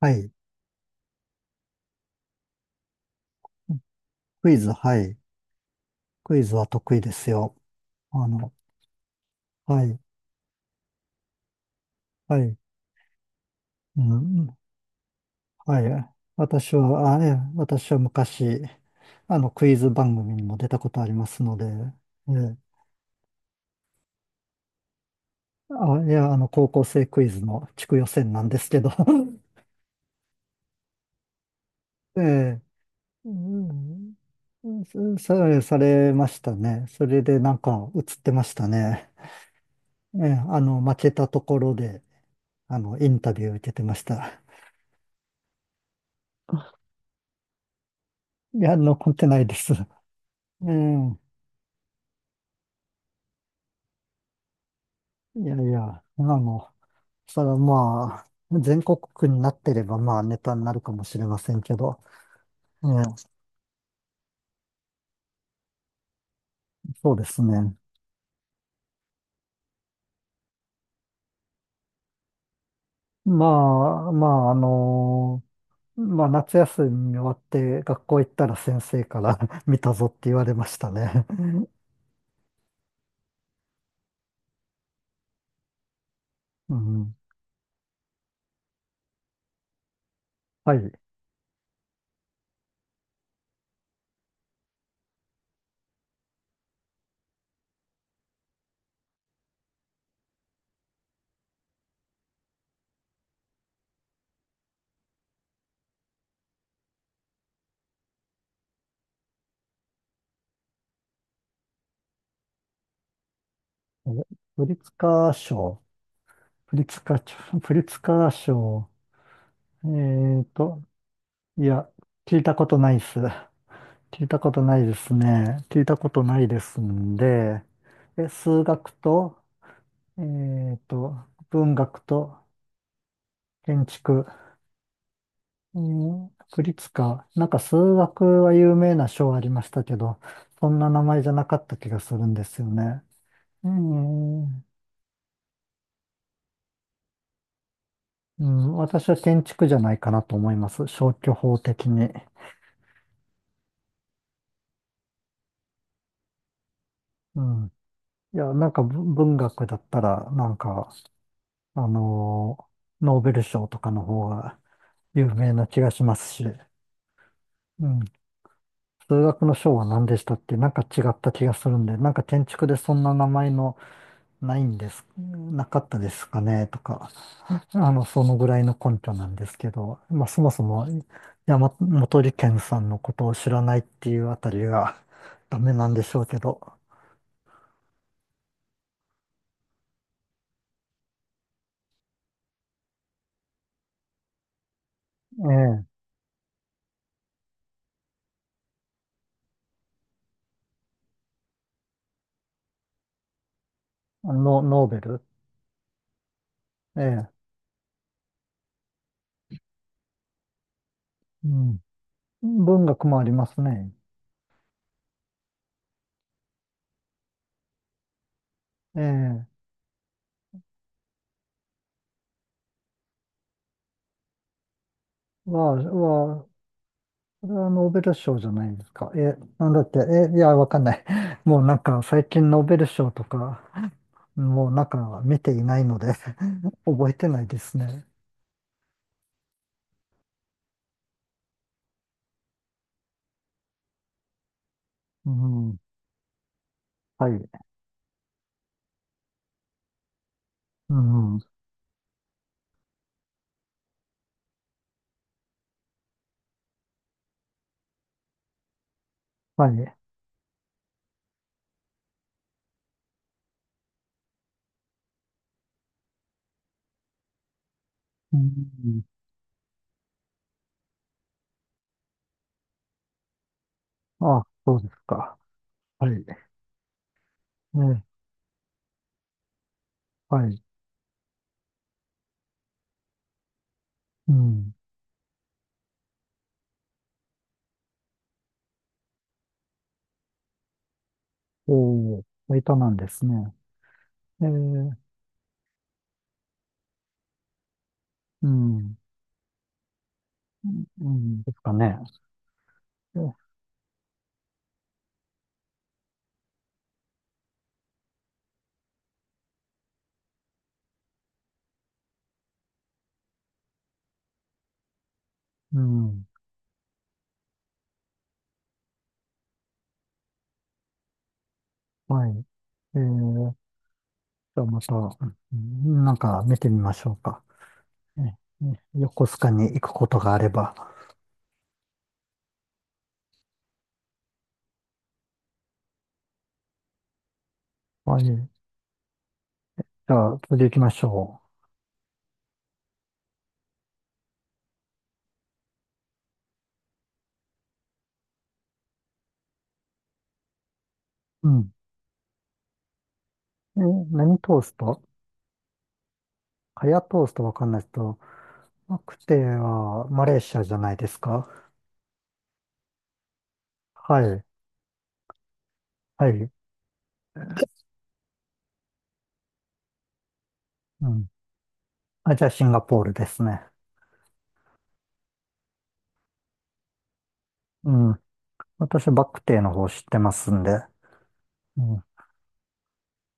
はい。クイズ、はい。クイズは得意ですよ。あの、はい、はい、うん、はい。私は昔、クイズ番組にも出たことありますので、ええ。あ、いや、高校生クイズの地区予選なんですけど、ええ、うん、うされましたね。それでなんか映ってましたね。ええ、負けたところで、インタビュー受けてました。いや、残ってないです。ええ。いやいや、あの、それはまあ、全国区になってればまあネタになるかもしれませんけど、ええ。そうですね。まあ、まあ、あの、まあ、夏休み終わって学校行ったら先生から 見たぞって言われましたね。うん、はい。え、プリツカー賞、プリツカー賞、プリツカー賞、えーと、いや、聞いたことないっす。聞いたことないですね。聞いたことないですんで、え、数学と、えっと、文学と建築、うん、国立か。なんか数学は有名な賞ありましたけど、そんな名前じゃなかった気がするんですよね。うん、うん、私は建築じゃないかなと思います。消去法的に。うん。いや、なんか文学だったら、なんか、あのノーベル賞とかの方が、有名な気がしますし、うん。数学の章は何でしたっけ、なんか違った気がするんで、なんか建築でそんな名前のないんです、なかったですかねとか、そのぐらいの根拠なんですけど、まあそもそも山本理研さんのことを知らないっていうあたりがダメなんでしょうけど、ええ、ノ、ノーベル、ええ、うん。文学もありますね。ええ、は、は、これはノーベル賞じゃないですか。え、なんだって、え、いや、わかんない。もうなんか最近ノーベル賞とか、もうなんか見ていないので 覚えてないですね。うん、はい。うん、はい。うん、あ、そうですか。はい。ね、はい。うん。おー、いたなんですね。えー、うん、うん、ですかね。え、うん、はい。えー、じゃあまた、うん、なんか見てみましょうか。ね、ね、横須賀に行くことがあれば。はい。じゃあ、次行きましょう。うん。え、何トースト、カヤトーストわかんないですけど、マクテはマレーシアじゃないですか。はい。はい。うん。あ、じゃあ、シンガポールですね。うん。私、バクテーの方知ってますんで。うん。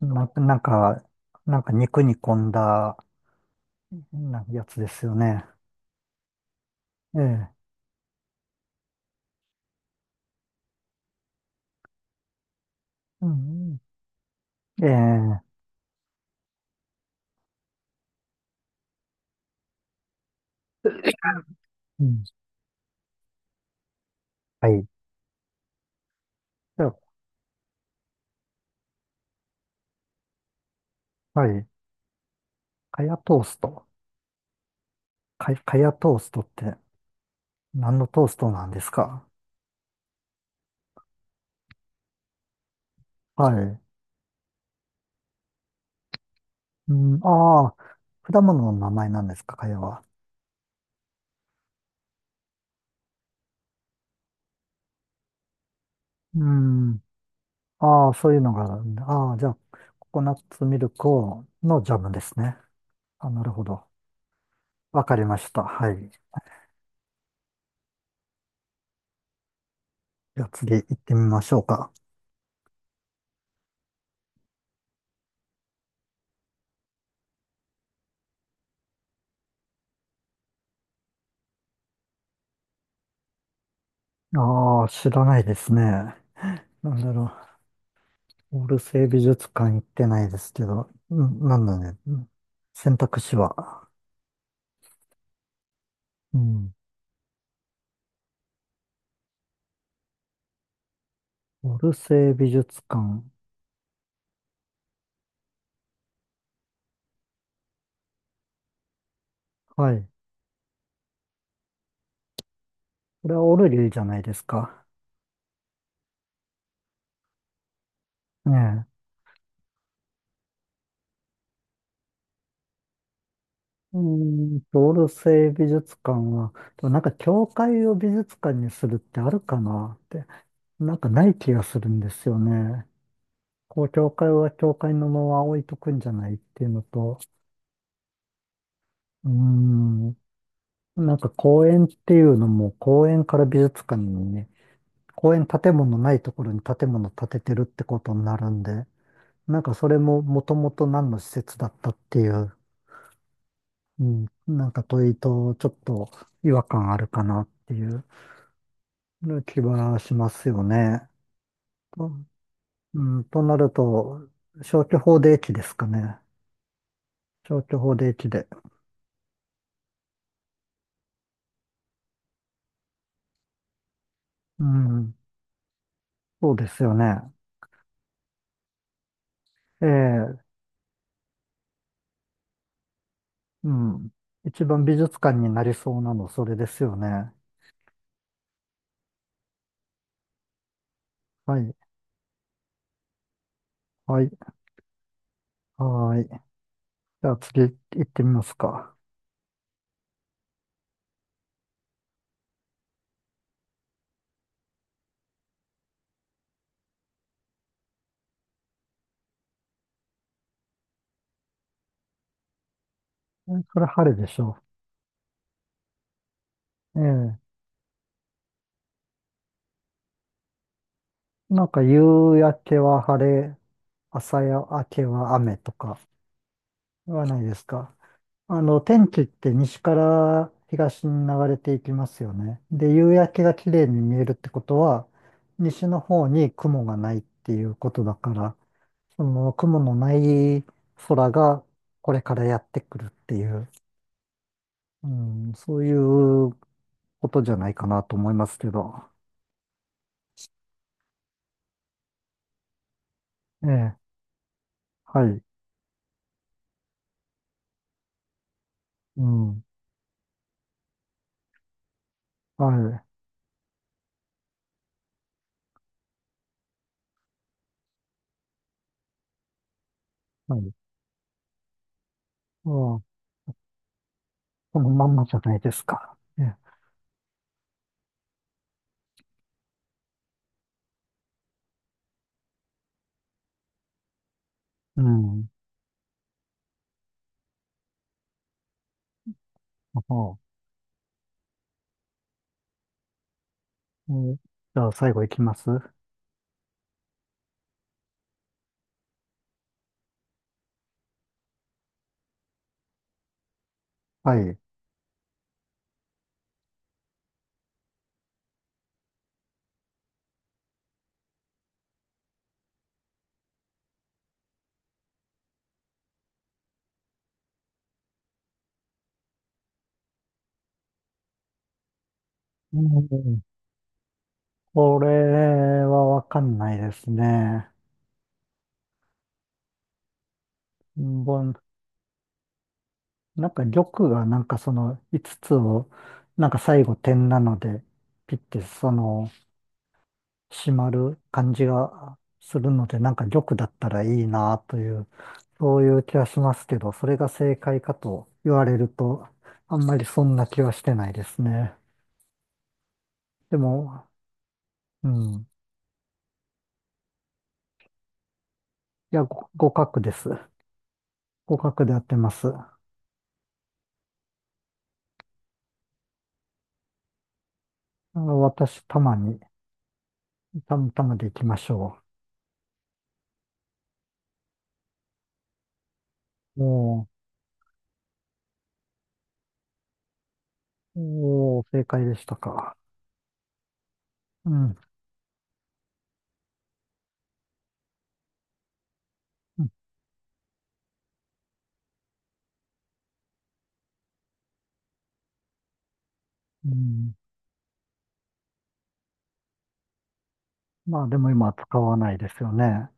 な、なんか、なんか肉煮込んだ、なやつですよね。ええ。うん。ええ。うん。はい。じゃあ、はい。カヤトースト。か、かやトーストって何のトーストなんですか？はい。うん、ああ、果物の名前なんですか、かやは。うん。ああ、そういうのがあるんだ。ああ、じゃあ、ココナッツミルクをのジャムですね。あ、なるほど。わかりました。はい。じゃあ次行ってみましょうか。ああ、知らないですね。なんだろう。オルセイ美術館行ってないですけど、うん、なんだね。うん、選択肢は。うん。オルセイ美術館。はい。これはオルリーじゃないですか。ね。え。うーんと、オルセイ美術館は、でもなんか教会を美術館にするってあるかなって、なんかない気がするんですよね。こう、教会は教会のまま置いとくんじゃないっていうのと、うーん、なんか公園っていうのも、公園から美術館にね、公園建物ないところに建物建ててるってことになるんで、なんかそれももともと何の施設だったっていう。うん、なんか問いとちょっと違和感あるかなっていう気はしますよね。と、うん、となると、消去法で駅ですかね。消去法で駅で。うん、そうですよね。ええ、うん。一番美術館になりそうなの、それですよね。はい、はい、はい。じゃあ次行ってみますか。え、それ晴れでしょう。ええ、なんか夕焼けは晴れ、朝焼けは雨とか。はないですか。あの、天気って西から東に流れていきますよね。で、夕焼けが綺麗に見えるってことは、西の方に雲がないっていうことだから、その雲のない空がこれからやってくるっていう、うん、そういうことじゃないかなと思いますけど。ええ、はい、うん、はい、はい。ああ、このまんまじゃないですか。ええ、うん、ああ、う、じゃあ最後いきます。はい。うん、これはわかんないですね。ぼん、なんか玉がなんかその5つつを、なんか最後点なので、ピッてその閉まる感じがするので、なんか玉だったらいいなという、そういう気はしますけど、それが正解かと言われると、あんまりそんな気はしてないですね。でも、うん。いや、ご互角です。互角でやってます。あの私、たまに、たまたまでいきましょう。おー。おー、正解でしたか。うん。うん、うん、まあでも今は使わないですよね。